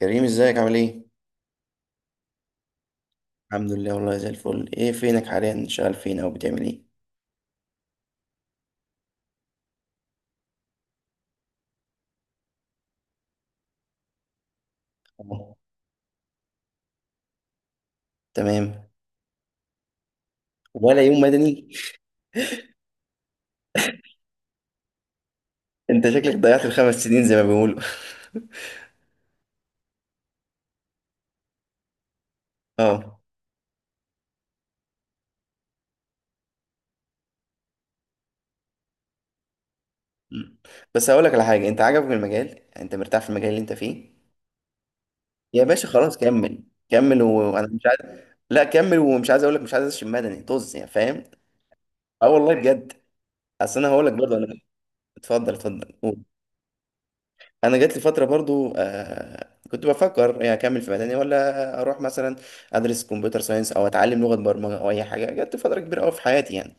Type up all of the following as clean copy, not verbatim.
كريم ازيك عامل ايه؟ الحمد لله والله زي الفل، ايه فينك حاليا؟ شغال فين او بتعمل ايه؟ اه، تمام. ولا يوم مدني. انت شكلك ضيعت الخمس سنين زي ما بيقولوا. اه. مم. بس هقول لك على حاجه، انت عجبك المجال؟ يعني انت مرتاح في المجال اللي انت فيه؟ يا باشا خلاص كمل. كمل وانا مش عايز. لا كمل، ومش عايز اقول لك مش عايز اشم مدني، طز يعني، فاهم. اه والله بجد. اصل انا هقول لك برضه انا. اتفضل اتفضل قول. انا جات لي فتره برضو كنت بفكر يعني اكمل في مدني ولا اروح مثلا ادرس كمبيوتر ساينس او اتعلم لغه برمجه او اي حاجه. جات لي فتره كبيره قوي في حياتي.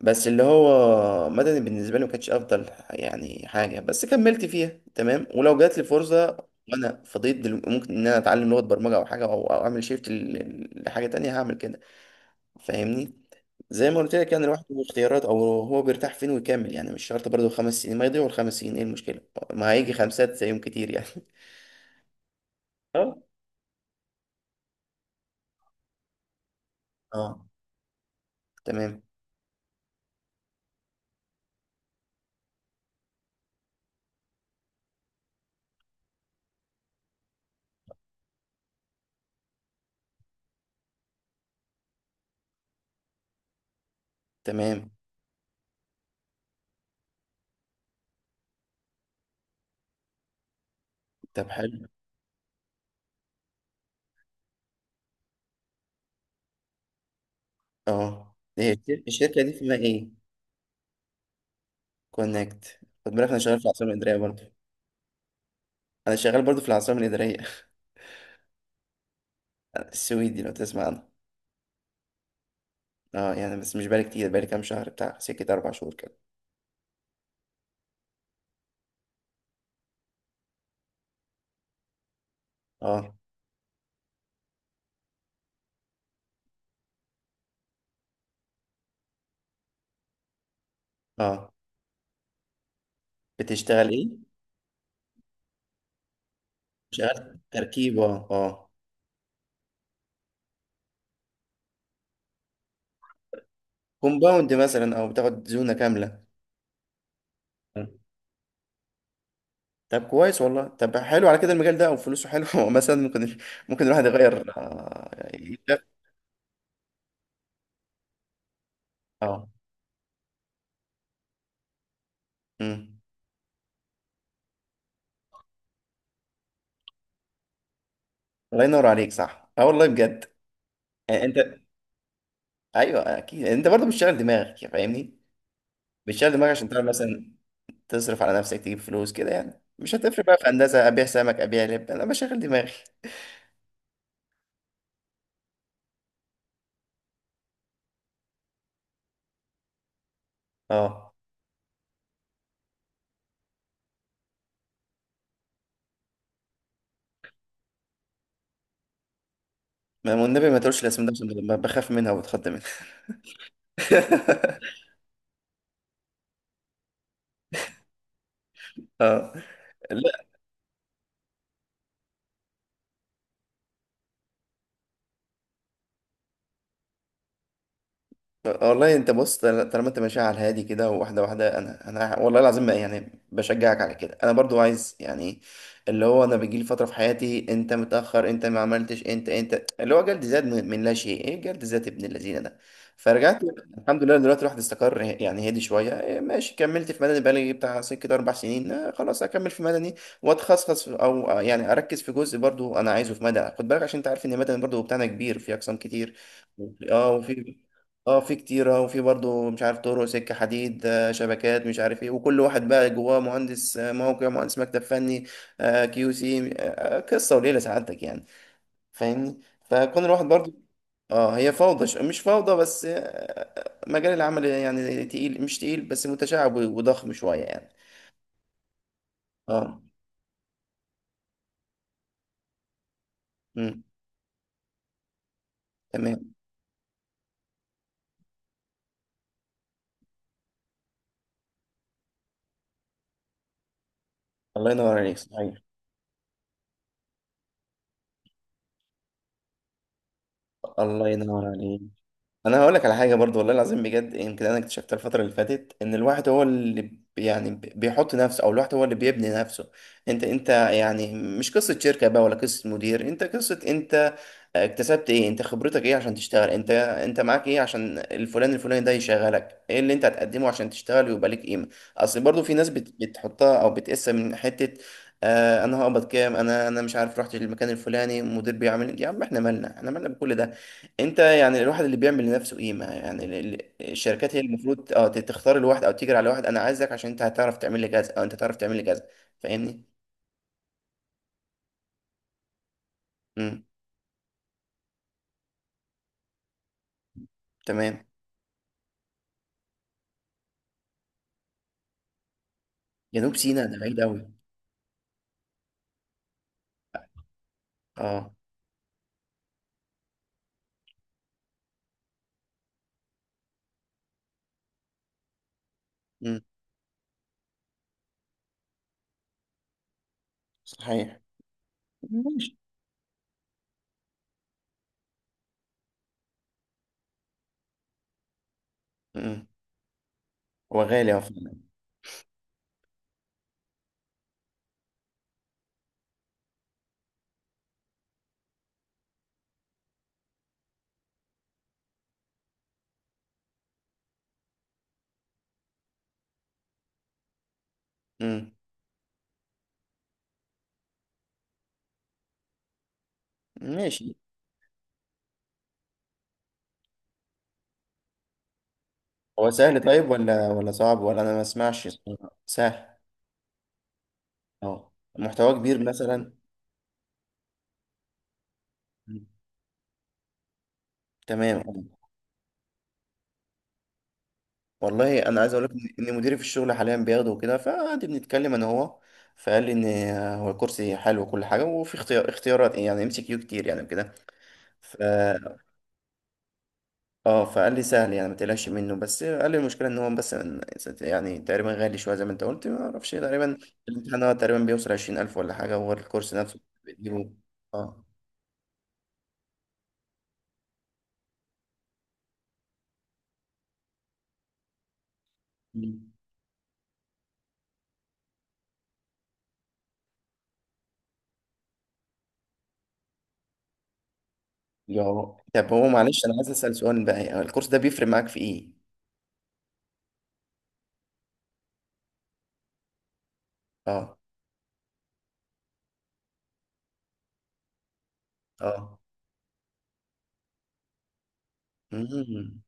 بس اللي هو مدني بالنسبه لي ما كانتش افضل يعني حاجه، بس كملت فيها تمام. ولو جات لي فرصه وانا فضيت ممكن ان انا اتعلم لغه برمجه او حاجه، أو اعمل شيفت لحاجه تانية، هعمل كده. فاهمني. زي ما قلت لك يعني الواحد له اختيارات، او هو بيرتاح فين ويكمل، يعني مش شرط برضه خمس سنين. ما يضيعوا الخمس سنين، ايه المشكله؟ ما هيجي خمسات زيهم كتير يعني. اه اه. تمام تمام. طب حلو. اه، الشركه دي اسمها ايه؟ كونكت. خد بالك انا شغال في العاصمه الاداريه برضه. انا شغال برضه في العاصمه الاداريه. السويدي، لو تسمع عنها. اه، يعني بس مش بقالي كتير، بقالي كام شهر، بتاع سكه اربع شهور كده. اه اه. بتشتغل ايه؟ شغال تركيب؟ اه اه. كومباوند مثلا، او بتاخد زونه كامله؟ طب كويس والله، طب حلو. على كده المجال ده او فلوسه حلو. مثلا ممكن، ممكن الواحد يغير، اه، آه. مم. الله ينور عليك، صح. اه والله بجد. يعني انت، ايوه اكيد انت برضه بتشتغل دماغك، فاهمني. بتشتغل دماغك عشان تعرف مثلا تصرف على نفسك، تجيب فلوس كده، يعني مش هتفرق بقى في هندسه. ابيع سمك، ابيع لب، انا بشغل دماغي. اه، والنبي ما تقولش الاسم ده، عشان بخاف منها وبتخض منها. اه. لا والله. انت بص، طالما انت ماشي على الهادي كده واحده واحده، انا انا والله العظيم يعني بشجعك على كده. انا برضو عايز يعني، اللي هو انا بيجي لي فتره في حياتي انت متاخر، انت ما عملتش، انت انت اللي هو جلد ذات من لا شيء، ايه، جلد ذات ابن الذين ده. فرجعت الحمد لله دلوقتي الواحد استقر يعني، هدي شويه، إيه ماشي كملت في مدني بقالي بتاع سكه كده اربع سنين، خلاص اكمل في مدني واتخصص او، يعني اركز في جزء برضو انا عايزه في مدني. خد بالك عشان انت عارف ان مدني برضو بتاعنا كبير في اقسام كتير. اه وفي، اه في كتيرة، وفي برضو مش عارف طرق، سكة حديد، شبكات، مش عارف ايه. وكل واحد بقى جواه مهندس موقع، مهندس مكتب فني، كيو سي، قصة وليلة سعادتك يعني. فاهمني. فكون الواحد برضو، اه، هي فوضى، مش فوضى، بس مجال العمل يعني تقيل، مش تقيل، بس متشعب وضخم شوية يعني. اه. مم. تمام. الله ينور عليك، صحيح. الله ينور عليك. انا هقول لك على حاجه برضو، والله العظيم بجد يمكن انا اكتشفتها الفتره اللي فاتت، ان الواحد هو اللي يعني بيحط نفسه، او الواحد هو اللي بيبني نفسه. انت انت يعني مش قصه شركه بقى، ولا قصه مدير، انت قصه انت. اكتسبت ايه، انت خبرتك ايه عشان تشتغل، انت انت معاك ايه عشان الفلان الفلاني ده يشغلك، ايه اللي انت هتقدمه عشان تشتغل ويبقى ليك قيمه. اصل برضو في ناس بتحطها او بتقيسها من حته. آه، انا هقبض كام، انا انا مش عارف رحت للمكان الفلاني المدير بيعمل، يا عم احنا مالنا، احنا مالنا بكل ده. انت يعني الواحد اللي بيعمل لنفسه قيمه، يعني الشركات هي المفروض اه تختار الواحد، او تجري على واحد انا عايزك، عشان انت هتعرف تعمل لي كذا، او انت هتعرف تعمل لي كذا. فاهمني. امم. تمام. جنوب سيناء ده بعيد قوي. اه. امم. صحيح. ماشي. مم. هو غالي، هو فعلا. مم. ماشي. هو سهل طيب، ولا ولا صعب؟ ولا انا ما اسمعش صراحة. سهل. اه. محتواه كبير مثلا؟ مم. تمام آه. والله انا عايز اقول لك ان إن مديري في الشغل حاليا بياخده وكده، فقعد بنتكلم انا هو. فقال لي ان هو الكرسي حلو وكل حاجه، وفي اختيارات يعني ام سي كيو كتير يعني كده. اه، فقال لي سهل يعني ما تقلقش منه، بس قال لي المشكله ان هو بس يعني تقريبا غالي شويه زي ما انت قلت، ما اعرفش تقريبا الامتحان هو تقريبا بيوصل 20,000 ولا حاجه، وغير الكورس نفسه بتجيبه. اه. مم. يا رب. طب هو معلش انا عايز اسال سؤال بقى، يعني الكورس ده بيفرق معاك في ايه؟ اه اه. مم.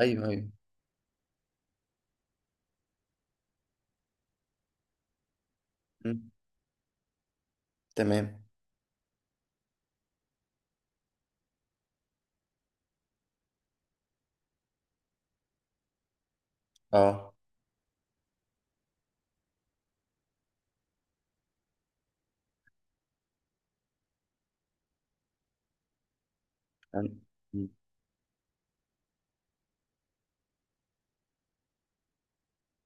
ايوه ايوه. مم. تمام. اه. مم.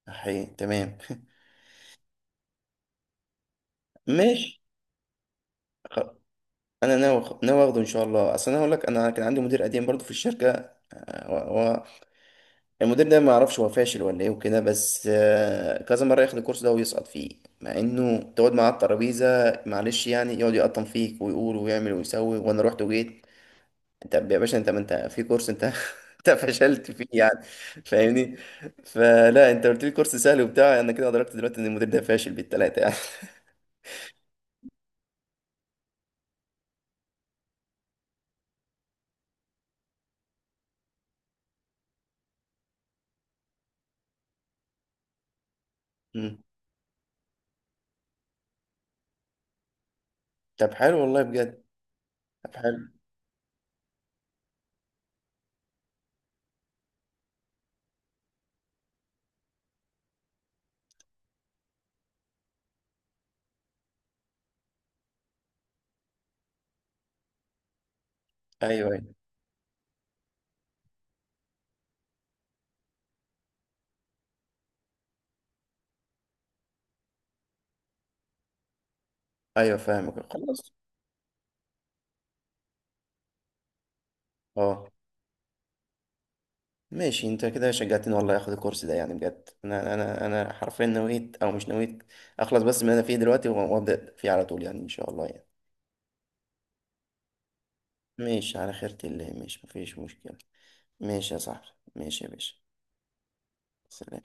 حقيقي تمام. ماشي. خ- انا ناوي ناوي اخده ان شاء الله. اصل انا اقول لك انا كان عندي مدير قديم برضو في الشركه، المدير ده ما يعرفش هو فاشل ولا ايه وكده، بس كذا مره ياخد الكورس ده ويسقط فيه، مع انه تقعد معاه على الترابيزه، معلش يعني يقعد يقطم فيك ويقول ويعمل ويسوي، وانا رحت وجيت انت يا باشا، انت ما انت في كورس انت. انت فشلت فيه يعني، فاهمني. فلا، انت قلت لي كورس سهل وبتاع، انا كده ادركت دلوقتي ان المدير ده فاشل بالثلاثه يعني. مم. طب حلو والله بجد. طب حلو. ايوه ايوه. ايوه فاهمك خلاص. اه. ماشي، انت كده شجعتني والله اخد الكورس ده يعني بجد. انا انا انا حرفيا نويت، او مش نويت اخلص بس من اللي انا فيه دلوقتي، وابدا فيه على طول يعني ان شاء الله يعني. ماشي، على خيرة الله، ماشي مفيش مشكلة. ماشي يا صاحبي. ماشي يا باشا. سلام.